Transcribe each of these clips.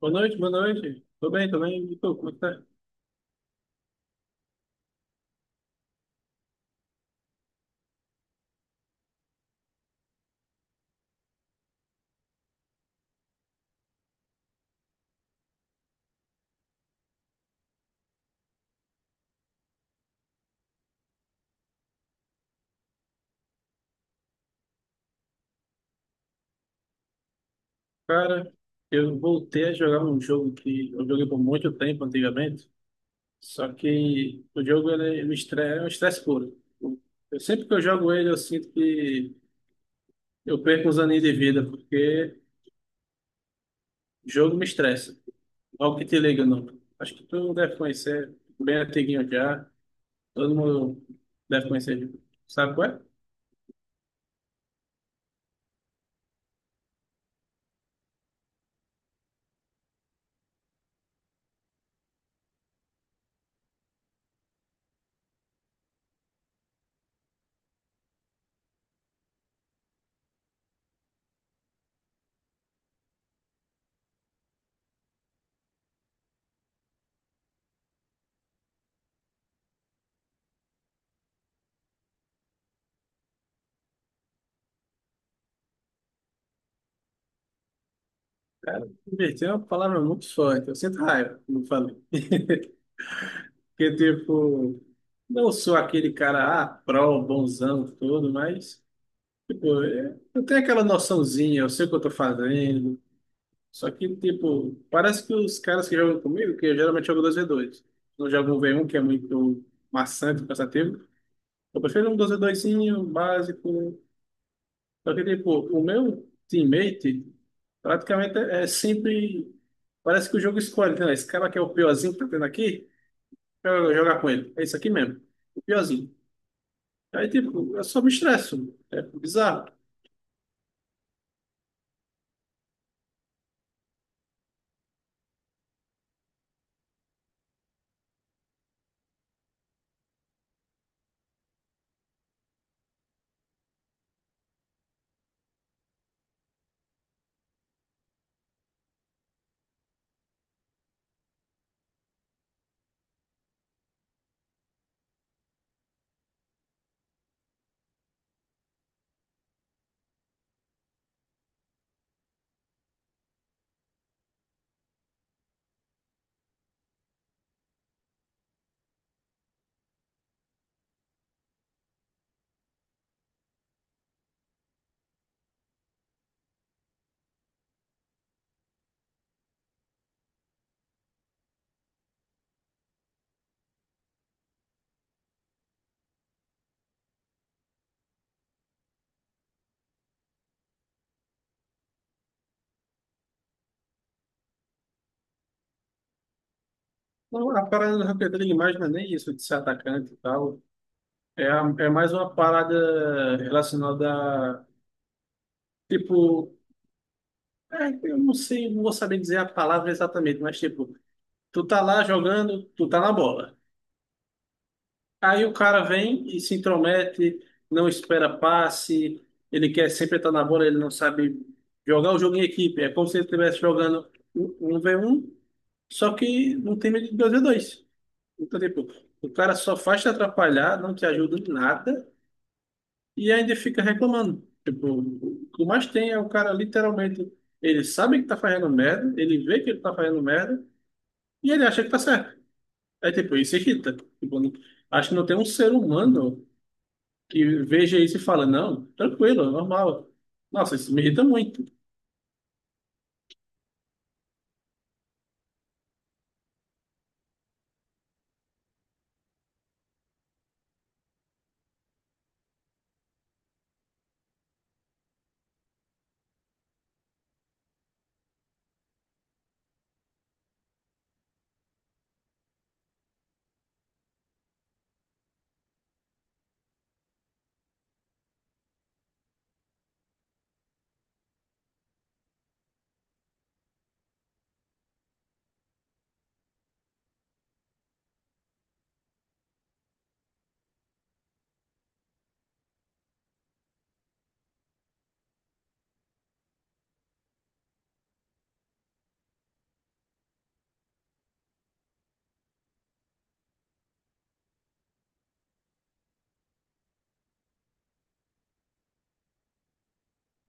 Boa noite, boa noite. Tô bem, tô bem. E tu, como é que tá? Cara, eu voltei a jogar um jogo que eu joguei por muito tempo antigamente, só que o jogo ele me estressa, é um estresse puro. Eu, sempre que eu jogo ele, eu sinto que eu perco uns aninhos de vida, porque o jogo me estressa. Logo que te liga, não. Acho que tu deve conhecer, bem antiguinho já. Todo mundo deve conhecer. Sabe qual é? Cara, divertir é uma palavra muito forte. Eu sinto raiva, quando falo. Porque, tipo, não sou aquele cara, ah, pró, bonzão, todo, mas, tipo, eu tenho aquela noçãozinha, eu sei o que eu tô fazendo. Só que, tipo, parece que os caras que jogam comigo, que eu geralmente jogo dois v dois, não jogo um 1 v um, que é muito maçante, cansativo. Eu prefiro um dois v doisinho básico. Só que, tipo, o meu teammate praticamente é sempre. Parece que o jogo escolhe, né? Esse cara que é o piorzinho que tá tendo aqui, eu vou jogar com ele. É isso aqui mesmo, o piorzinho. Aí, tipo, eu só me estresso. É bizarro. Não, a parada do Rocket League mais não é nem isso de ser atacante e tal. É, é mais uma parada relacionada a, tipo, é, eu não sei, não vou saber dizer a palavra exatamente, mas tipo, tu tá lá jogando, tu tá na bola. Aí o cara vem e se intromete, não espera passe, ele quer sempre estar na bola, ele não sabe jogar o jogo em equipe. É como se ele estivesse jogando um um v um, só que num time de 2v2. Então, tipo, o cara só faz te atrapalhar, não te ajuda em nada e ainda fica reclamando. Tipo, o que mais tem é o cara literalmente, ele sabe que tá fazendo merda, ele vê que ele tá fazendo merda e ele acha que tá certo. É tipo, isso irrita. Tipo, acho que não tem um ser humano que veja isso e fala, não, tranquilo, é normal. Nossa, isso me irrita muito.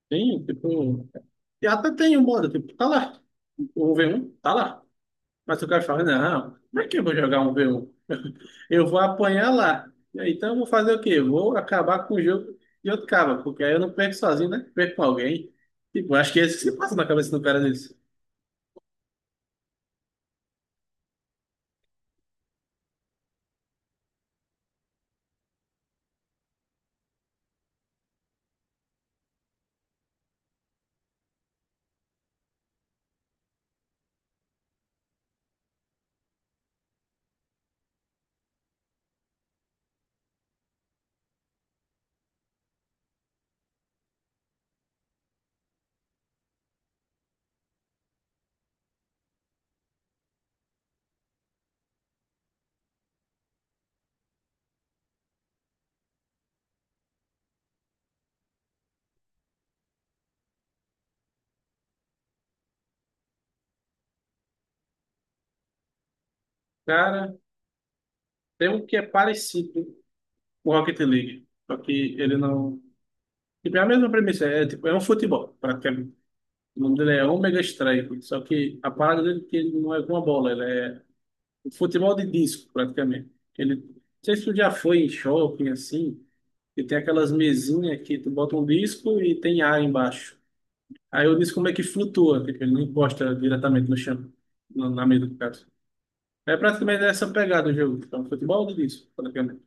Tem, tipo, e até tem um modo, tipo, tá lá, o um vê um tá lá. Mas o cara fala, não, como é que eu vou jogar um vê um? Eu vou apanhar lá. Então eu vou fazer o quê? Vou acabar com o jogo de outro cara, porque aí eu não perco sozinho, né? Perco com alguém. Tipo, acho que é isso que se passa na cabeça do cara nisso. Cara, tem um que é parecido com o Rocket League, só que ele não. Tipo, é a mesma premissa, é, tipo, é um futebol, praticamente. O nome dele é Omega Strike, só que a parada dele é que ele não é com a bola, ele é um futebol de disco, praticamente. Ele, não sei se tu já foi em shopping assim, e tem aquelas mesinhas que tu bota um disco e tem ar embaixo. Aí eu disse como é que flutua, que ele não encosta diretamente no chão, na mesa do caso. É praticamente essa pegada o jogo. Então, futebol de disso, praticamente.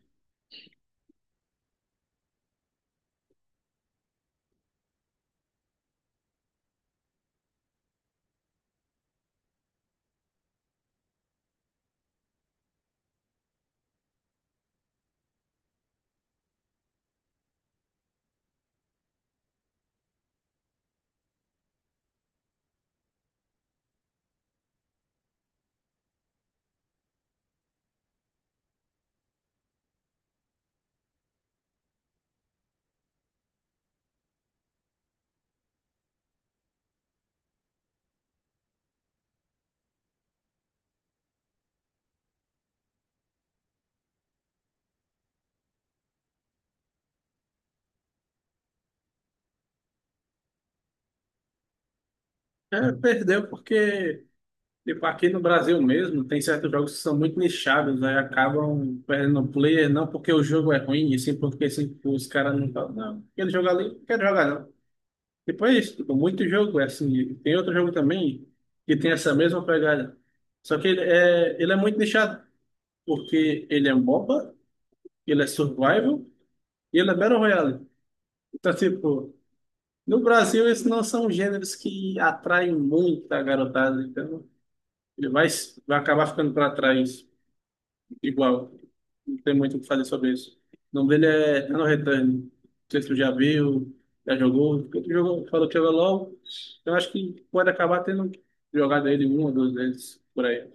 É, perdeu porque, tipo, aqui no Brasil mesmo, tem certos jogos que são muito nichados, aí acabam perdendo o player, não porque o jogo é ruim, e sim porque assim, tipo, os caras não falam, não, aquele jogo ali, não quero jogar não. Depois, tipo, muito jogo, é assim, tem outro jogo também que tem essa mesma pegada. Só que ele é muito nichado, porque ele é um MOBA, ele é survival e ele é Battle Royale. Então, tipo, no Brasil esses não são gêneros que atraem muito a garotada, então ele vai acabar ficando para trás igual. Não tem muito o que fazer sobre isso. O nome dele é Ano Return. Não sei se tu já viu, já jogou. Porque tu jogou, falou que jogou LOL. Eu acho que pode acabar tendo jogado ele uma ou duas vezes por aí.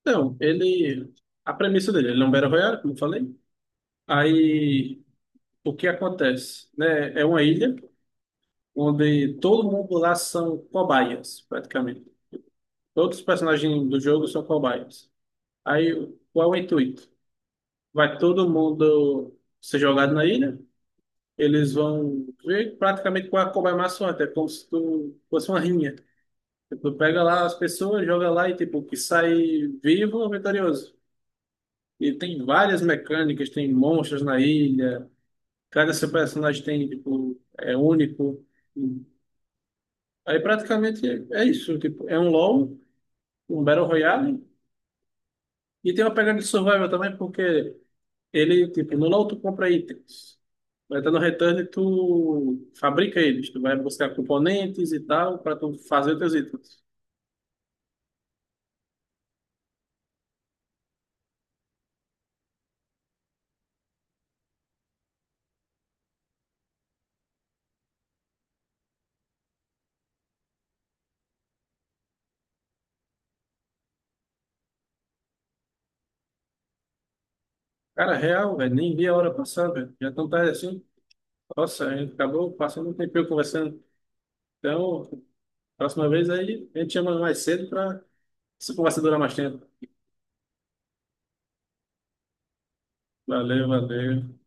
Então, ele. A premissa dele, ele é um Battle Royale, como eu falei. Aí, o que acontece, né? É uma ilha onde todo mundo lá são cobaias, praticamente. Todos os personagens do jogo são cobaias. Aí, qual é o intuito? Vai todo mundo ser jogado na ilha, eles vão ver praticamente qual é a cobaia mais forte, é como se tu fosse uma rinha. Tipo, tu pega lá as pessoas, joga lá e tipo, que sai vivo é vitorioso. E tem várias mecânicas, tem monstros na ilha, cada seu personagem tem, tipo, é único. Aí praticamente é isso, tipo, é um LoL, um Battle Royale, e tem uma pegada de survival também, porque ele, tipo, no LoL tu compra itens, mas tá no Return tu fabrica eles, tu vai buscar componentes e tal, pra tu fazer teus itens. Cara, real, velho, nem vi a hora passar, velho, já tão tarde assim, nossa, a gente acabou passando um tempinho conversando. Então, próxima vez aí, a gente chama mais cedo pra essa conversa durar mais tempo. Valeu, valeu.